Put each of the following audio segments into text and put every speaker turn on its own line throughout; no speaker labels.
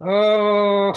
Oh,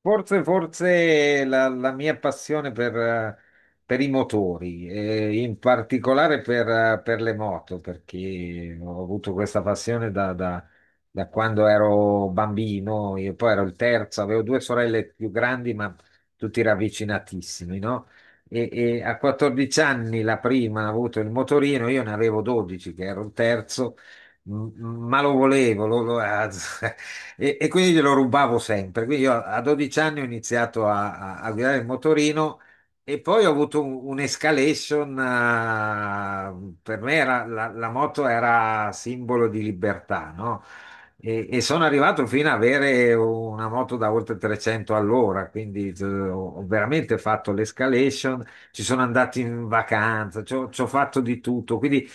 forse la mia passione per i motori, in particolare per le moto, perché ho avuto questa passione da quando ero bambino. Io poi ero il terzo, avevo due sorelle più grandi, ma tutti ravvicinatissimi, no? E a 14 anni la prima ha avuto il motorino, io ne avevo 12, che ero il terzo. M- ma lo volevo. E quindi glielo rubavo sempre. Quindi io a 12 anni ho iniziato a guidare il motorino e poi ho avuto un'escalation. Per me la moto era simbolo di libertà, no? E sono arrivato fino ad avere una moto da oltre 300 all'ora, quindi ho veramente fatto l'escalation, ci sono andato in vacanza, ci ho fatto di tutto. Quindi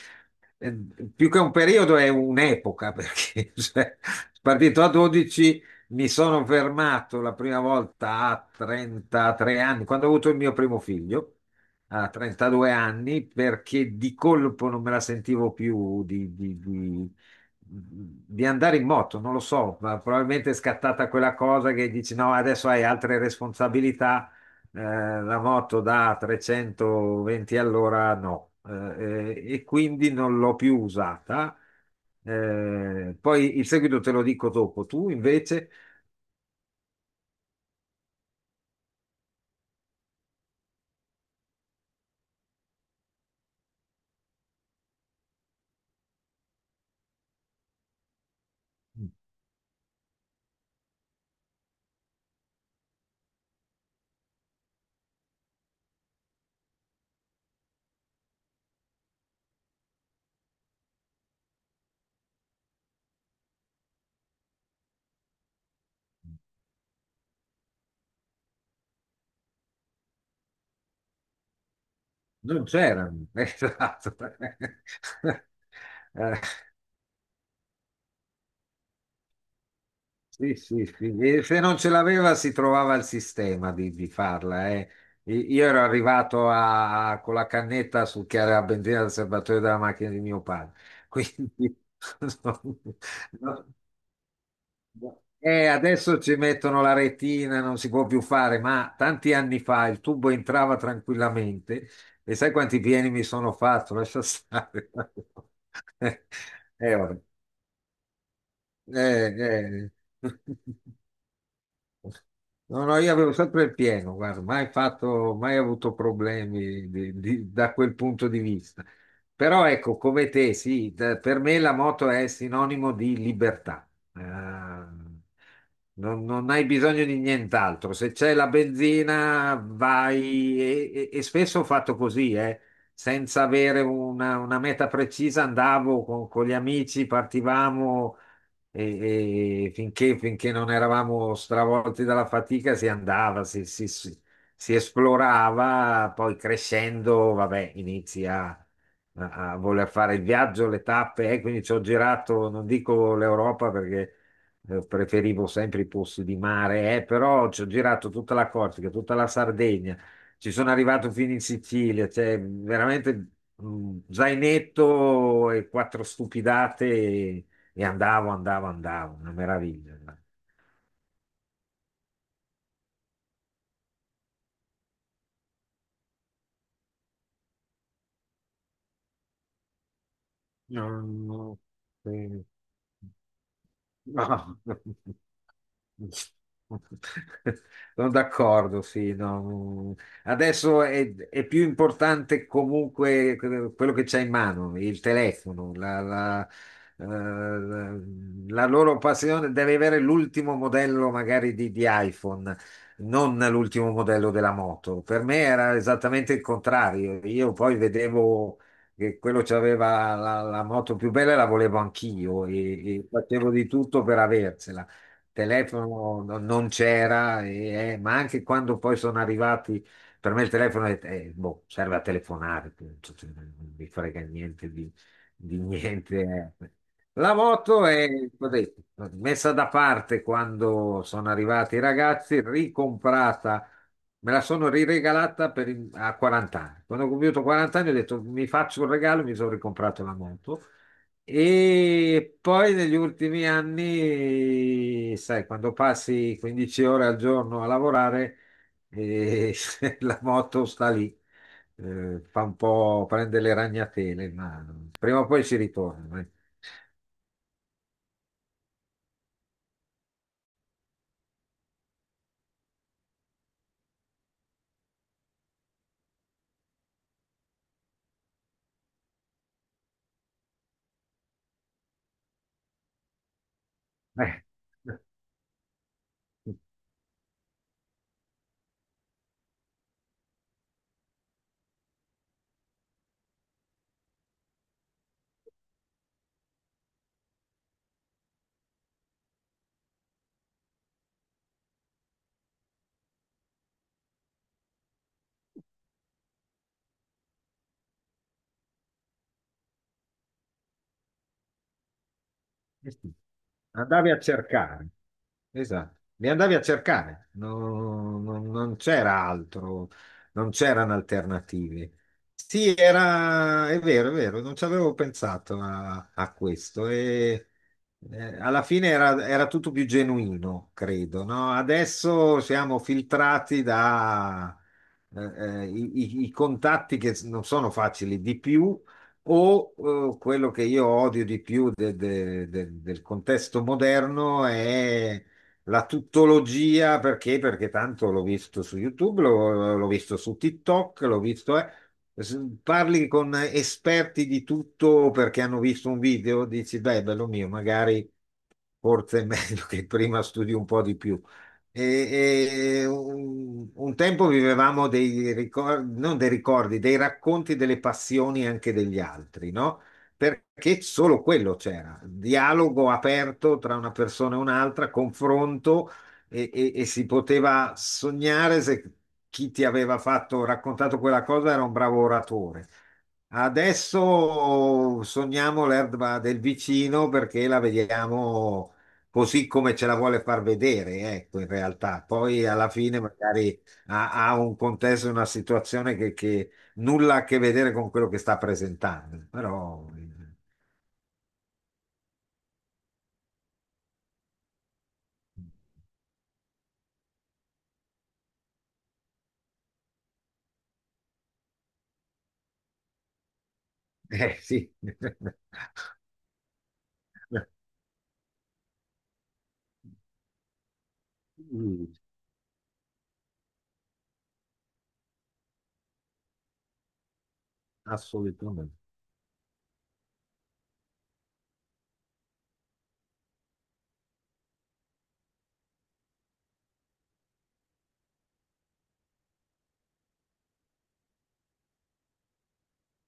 eh, più che un periodo è un'epoca, perché cioè, partito a 12, mi sono fermato la prima volta a 33 anni, quando ho avuto il mio primo figlio, a 32 anni, perché di colpo non me la sentivo più di andare in moto, non lo so, ma probabilmente è scattata quella cosa che dici no, adesso hai altre responsabilità, eh, la moto da 320 all'ora no, e quindi non l'ho più usata. Poi il seguito te lo dico dopo. Tu invece. Non c'era. Esatto. Eh, sì, sì, sì. E se non ce l'aveva, si trovava il sistema di farla. Io ero arrivato con la cannetta sul chiaro a benzina del serbatoio della macchina di mio padre, quindi non, E adesso ci mettono la retina, non si può più fare, ma tanti anni fa il tubo entrava tranquillamente e sai quanti pieni mi sono fatto? Lascia stare. Vabbè. Eh, eh. No, no, io avevo sempre il pieno, guarda, mai fatto, mai avuto problemi da quel punto di vista. Però ecco, come te, sì, per me la moto è sinonimo di libertà. Eh, non hai bisogno di nient'altro. Se c'è la benzina, vai, e spesso ho fatto così, senza avere una meta precisa. Andavo con gli amici, partivamo, e finché non eravamo stravolti dalla fatica si andava, si esplorava. Poi crescendo, vabbè, inizi a voler fare il viaggio, le tappe, quindi ci ho girato, non dico l'Europa perché preferivo sempre i posti di mare, però ci ho girato tutta la Corsica, tutta la Sardegna, ci sono arrivato fino in Sicilia, cioè veramente. Zainetto e quattro stupidate e andavo, andavo, andavo, una meraviglia. No, no, no. Sì. No. Sono d'accordo, sì. No. Adesso è più importante comunque quello che c'è in mano, il telefono, eh, la- la loro passione deve avere l'ultimo modello magari di iPhone, non l'ultimo modello della moto. Per me era esattamente il contrario. Io poi vedevo che quello c'aveva la moto più bella e la volevo anch'io, e facevo di tutto per aversela. Telefono non c'era, ma anche quando poi sono arrivati, per me il telefono boh, serve a telefonare, punto, cioè, non mi frega niente di niente. La moto, è ho detto, messa da parte quando sono arrivati i ragazzi, ricomprata. Me la sono riregalata per a 40 anni. Quando ho compiuto 40 anni ho detto mi faccio un regalo, mi sono ricomprato la moto. E poi negli ultimi anni, sai, quando passi 15 ore al giorno a lavorare, eh, la moto sta lì, fa un po', prende le ragnatele, ma prima o poi ci ritorna. Eh. Eh sì. Andavi a cercare, esatto, li andavi a cercare, non c'era altro, non c'erano alternative. Sì, è vero, è vero, non ci avevo pensato a questo, e alla fine era tutto più genuino, credo, no? Adesso siamo filtrati da eh, i contatti che non sono facili di più, o quello che io odio di più del contesto moderno è la tuttologia. Perché? Perché tanto l'ho visto su YouTube, l'ho visto su TikTok, l'ho visto. Parli con esperti di tutto perché hanno visto un video, dici, beh, bello mio, magari forse è meglio che prima studi un po' di più. Un tempo vivevamo dei ricordi, non dei ricordi, dei racconti delle passioni anche degli altri, no? Perché solo quello c'era, dialogo aperto tra una persona e un'altra, confronto, e si poteva sognare se chi ti aveva fatto, raccontato quella cosa era un bravo oratore. Adesso sogniamo l'erba del vicino perché la vediamo così come ce la vuole far vedere, ecco, in realtà. Poi alla fine magari ha un contesto, una situazione che nulla a che vedere con quello che sta presentando, però sì. Mm. Assolutamente.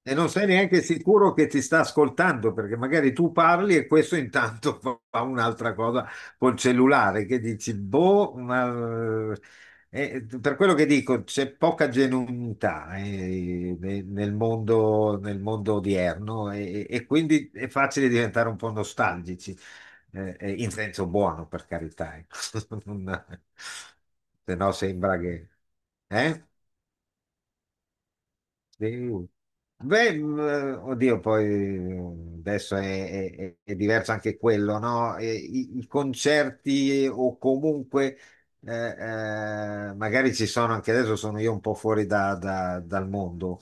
E non sei neanche sicuro che ti sta ascoltando, perché magari tu parli e questo intanto fa un'altra cosa col cellulare, che dici, boh, ma. Per quello che dico, c'è poca genuinità nel mondo odierno, e quindi è facile diventare un po' nostalgici, in senso buono, per carità. Ecco. Non- Se no sembra che. Eh? Sì. Beh, oddio, poi adesso è diverso anche quello, no? E i concerti o comunque, magari ci sono anche adesso, sono io un po' fuori dal mondo.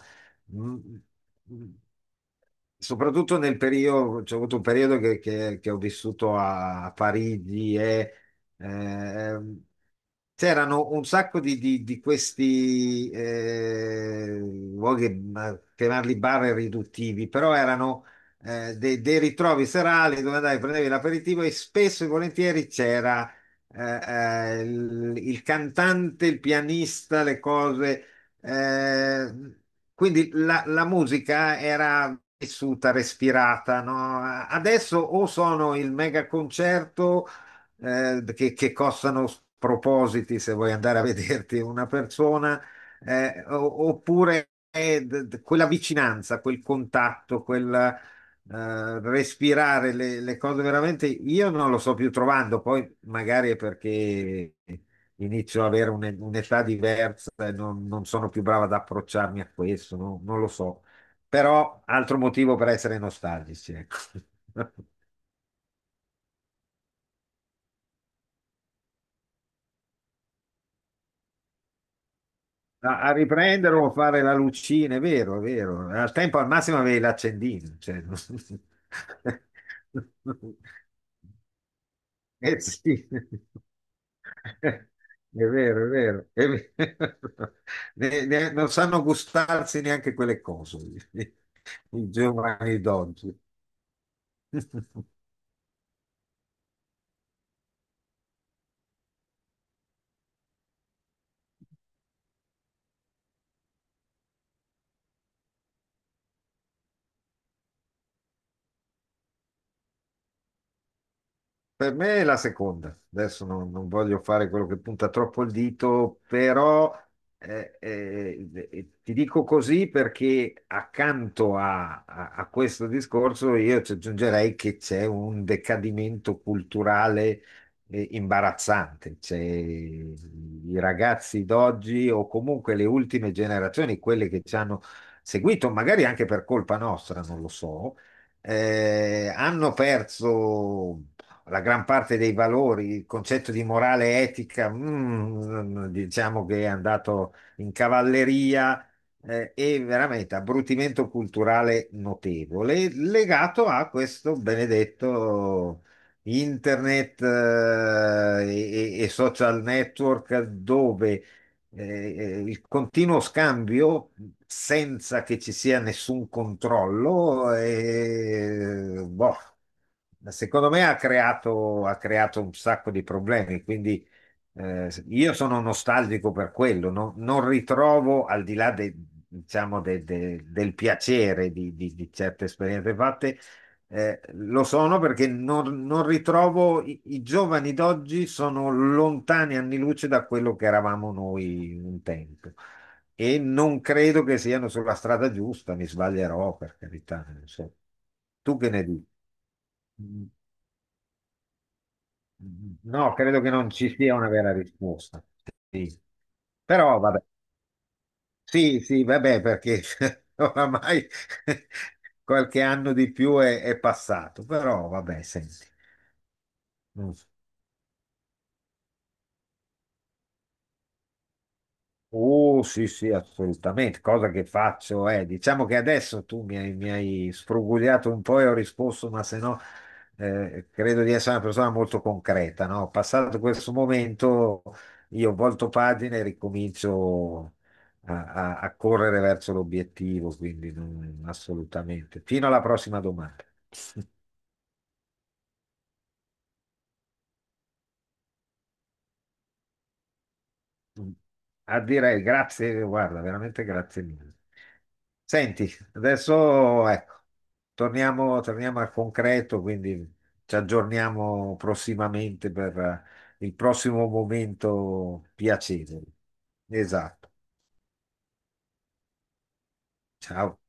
Mm, mm, Soprattutto nel periodo, c'è avuto un periodo che ho vissuto a Parigi, e eh, ehm, c'erano un sacco di questi, luoghi, chiamarli bar è riduttivi, però erano dei ritrovi serali dove andavi, prendevi l'aperitivo e spesso e volentieri c'era eh, il cantante, il pianista, le cose. eh, quindi la musica era vissuta, respirata, no? Adesso o sono il mega concerto che costano propositi se vuoi andare a vederti una persona, oppure quella vicinanza, quel contatto, quel respirare le cose veramente, io non lo sto più trovando. Poi magari è perché inizio ad avere un'età diversa e non sono più brava ad approcciarmi a questo, no? Non lo so. Però altro motivo per essere nostalgici, ecco. A riprendere o a fare la lucina, è vero, è vero. Al tempo al massimo avevi l'accendino. Cioè. Eh sì. È vero, è vero, è vero. Non sanno gustarsi neanche quelle cose, i giovani d'oggi. Per me è la seconda. Adesso non voglio fare quello che punta troppo il dito, però ti dico così perché accanto a questo discorso io ci aggiungerei che c'è un decadimento culturale imbarazzante. I ragazzi d'oggi o comunque le ultime generazioni, quelle che ci hanno seguito, magari anche per colpa nostra, non lo so, hanno perso la gran parte dei valori, il concetto di morale e etica, diciamo che è andato in cavalleria, e veramente abbrutimento culturale notevole, legato a questo benedetto internet e social network dove il continuo scambio senza che ci sia nessun controllo, boh, secondo me ha creato un sacco di problemi. Quindi io sono nostalgico per quello, non ritrovo al di là diciamo, del piacere di certe esperienze fatte, lo sono perché non ritrovo i giovani d'oggi sono lontani anni luce da quello che eravamo noi un tempo, e non credo che siano sulla strada giusta, mi sbaglierò per carità. Non so. Tu che ne dici? No, credo che non ci sia una vera risposta. Sì. Però vabbè, sì, sì, vabbè, perché oramai qualche anno di più è passato, però vabbè, senti. Mm. Oh, sì, sì, assolutamente. Cosa che faccio è, diciamo che adesso tu mi hai sfrugugliato un po' e ho risposto, ma se no, credo di essere una persona molto concreta, no? Passato questo momento, io volto pagina e ricomincio a correre verso l'obiettivo, quindi assolutamente. Fino alla prossima domanda. A dire grazie, guarda, veramente grazie mille. Senti, adesso ecco, torniamo, torniamo al concreto, quindi ci aggiorniamo prossimamente per il prossimo momento piacevole. Esatto. Ciao.